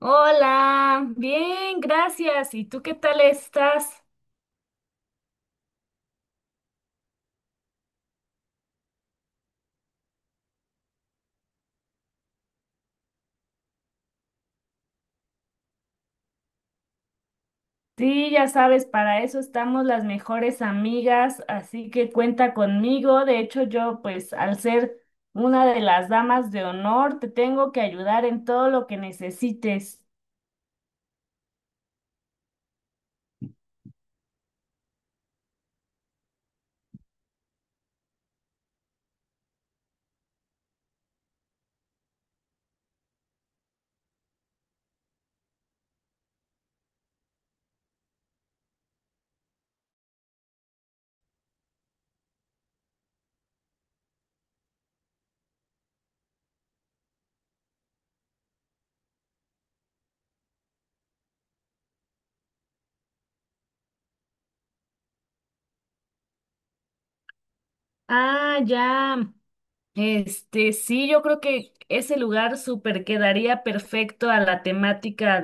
Hola, bien, gracias. ¿Y tú qué tal estás? Sí, ya sabes, para eso estamos las mejores amigas, así que cuenta conmigo. De hecho, yo, pues, al ser una de las damas de honor, te tengo que ayudar en todo lo que necesites. Ah, ya. Sí, yo creo que ese lugar súper quedaría perfecto a la temática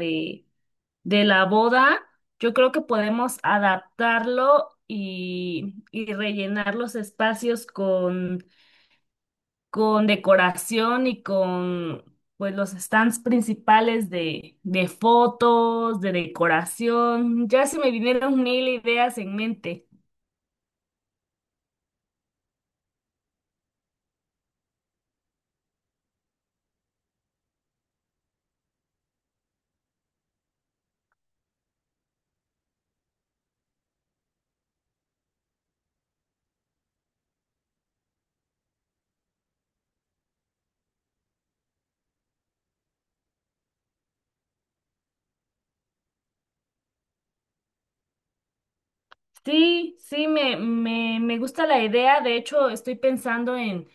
de la boda, yo creo que podemos adaptarlo y rellenar los espacios con decoración y con pues los stands principales de fotos, de decoración. Ya se me vinieron mil ideas en mente. Sí, me gusta la idea. De hecho, estoy pensando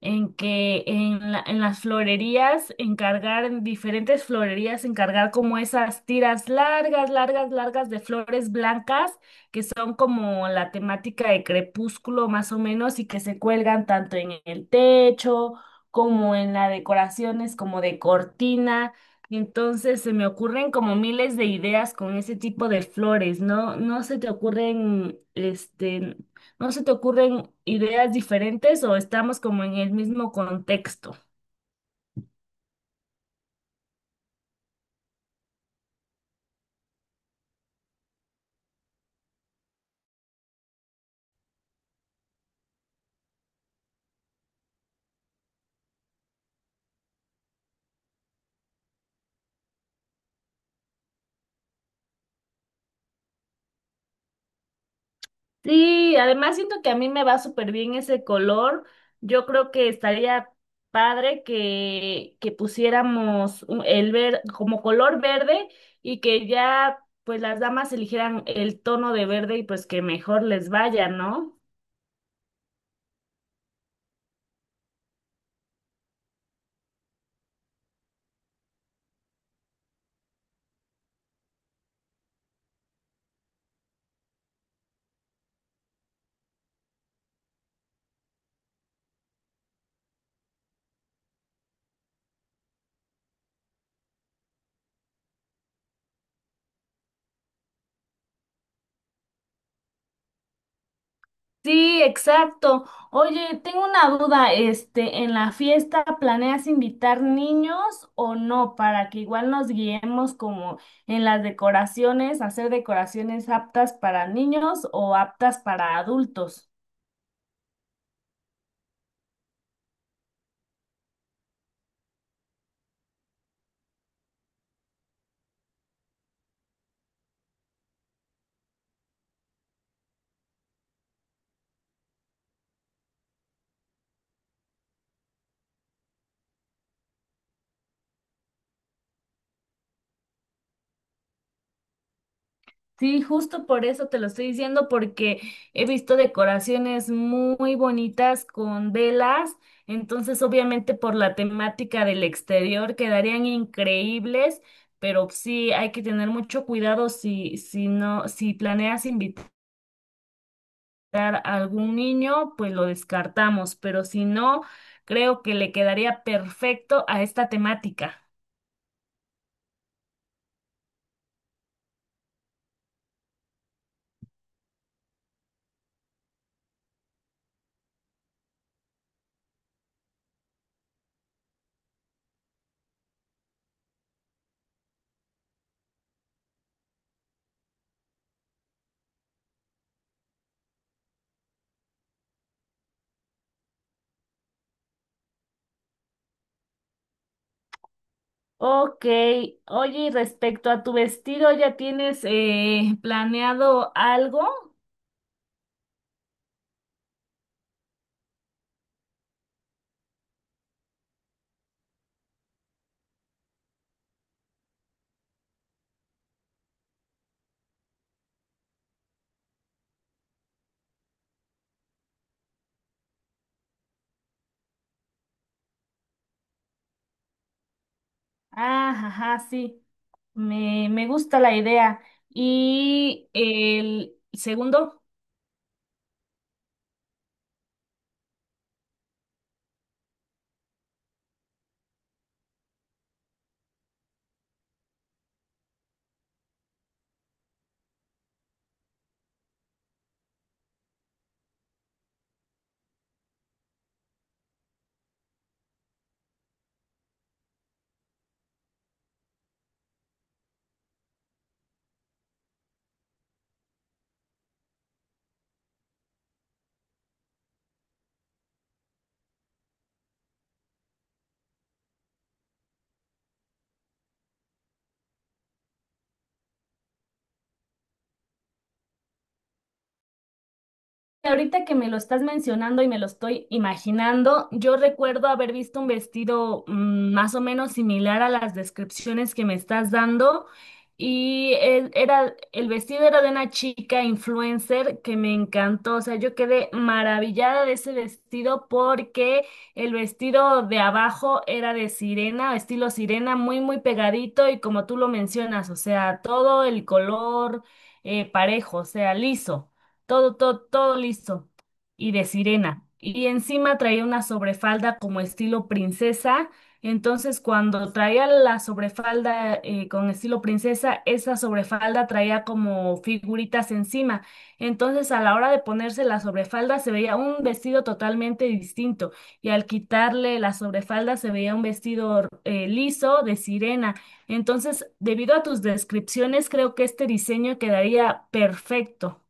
en que en, la- en las florerías encargar, en diferentes florerías encargar como esas tiras largas de flores blancas, que son como la temática de crepúsculo más o menos y que se cuelgan tanto en el techo como en las decoraciones, como de cortina. Entonces se me ocurren como miles de ideas con ese tipo de flores, ¿no? ¿No se te ocurren este ¿No se te ocurren ideas diferentes o estamos como en el mismo contexto? Sí, además siento que a mí me va súper bien ese color. Yo creo que estaría padre que pusiéramos el ver como color verde y que ya pues las damas eligieran el tono de verde y pues que mejor les vaya, ¿no? Sí, exacto. Oye, tengo una duda, este, ¿en la fiesta planeas invitar niños o no? Para que igual nos guiemos como en las decoraciones, hacer decoraciones aptas para niños o aptas para adultos. Sí, justo por eso te lo estoy diciendo, porque he visto decoraciones muy bonitas con velas, entonces obviamente por la temática del exterior quedarían increíbles, pero sí hay que tener mucho cuidado si planeas invitar a algún niño, pues lo descartamos, pero si no, creo que le quedaría perfecto a esta temática. Ok, oye, y respecto a tu vestido, ¿ya tienes planeado algo? Ah, ajá, sí, me gusta la idea. ¿Y el segundo? Ahorita que me lo estás mencionando y me lo estoy imaginando, yo recuerdo haber visto un vestido más o menos similar a las descripciones que me estás dando y el vestido era de una chica influencer que me encantó, o sea, yo quedé maravillada de ese vestido porque el vestido de abajo era de sirena, estilo sirena, muy, muy pegadito y como tú lo mencionas, o sea, todo el color parejo, o sea, liso todo listo. Y de sirena. Y encima traía una sobrefalda como estilo princesa. Entonces, cuando traía la sobrefalda con estilo princesa, esa sobrefalda traía como figuritas encima. Entonces, a la hora de ponerse la sobrefalda, se veía un vestido totalmente distinto. Y al quitarle la sobrefalda, se veía un vestido liso de sirena. Entonces, debido a tus descripciones, creo que este diseño quedaría perfecto.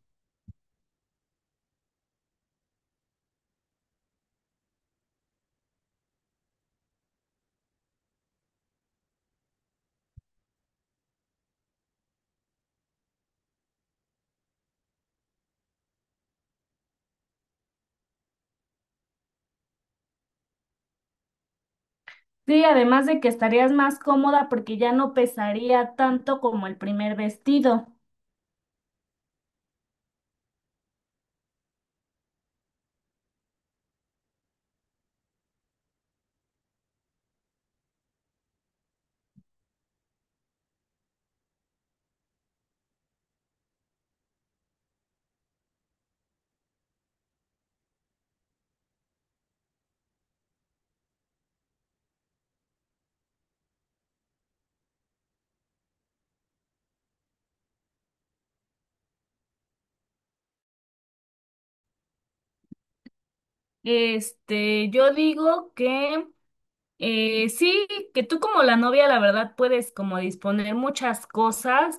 Sí, además de que estarías más cómoda porque ya no pesaría tanto como el primer vestido. Este, yo digo que Sí, que tú como la novia, la verdad, puedes como disponer muchas cosas.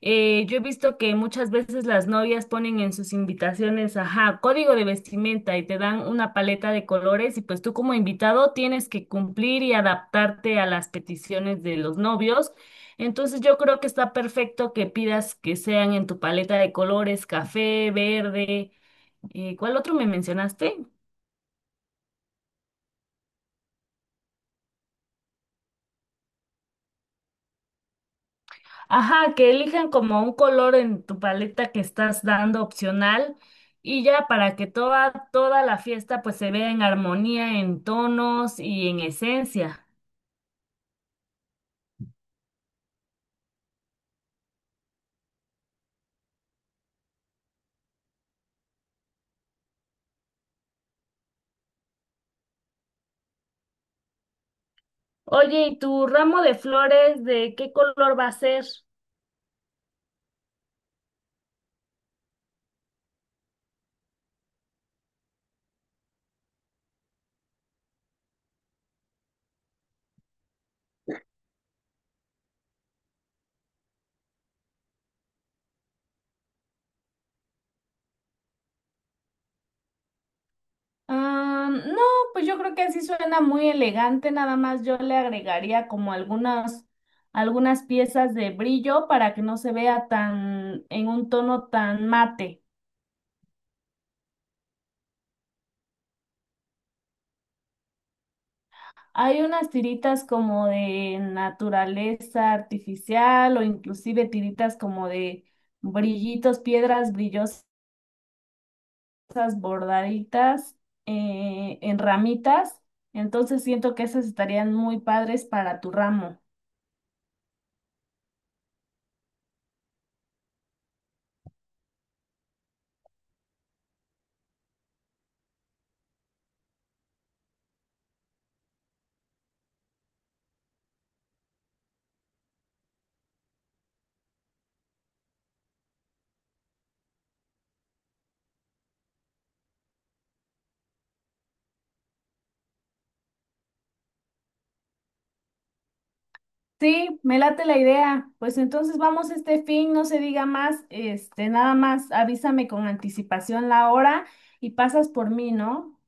Yo he visto que muchas veces las novias ponen en sus invitaciones, ajá, código de vestimenta y te dan una paleta de colores y pues tú como invitado tienes que cumplir y adaptarte a las peticiones de los novios. Entonces yo creo que está perfecto que pidas que sean en tu paleta de colores, café, verde. ¿Cuál otro me mencionaste? Ajá, que elijan como un color en tu paleta que estás dando opcional y ya para que toda la fiesta pues se vea en armonía, en tonos y en esencia. Oye, ¿y tu ramo de flores de qué color va a ser? Ah, no, pues yo creo que así suena muy elegante, nada más yo le agregaría como algunas piezas de brillo para que no se vea tan en un tono tan mate. Hay unas tiritas como de naturaleza artificial o inclusive tiritas como de brillitos, piedras brillosas bordaditas en ramitas. Entonces siento que esas estarían muy padres para tu ramo. Sí, me late la idea. Pues entonces vamos este fin, no se diga más, este, nada más avísame con anticipación la hora y pasas por mí, ¿no?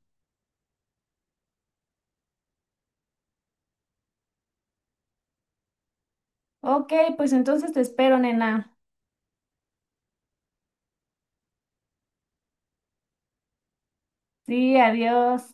Ok, pues entonces te espero, nena. Sí, adiós.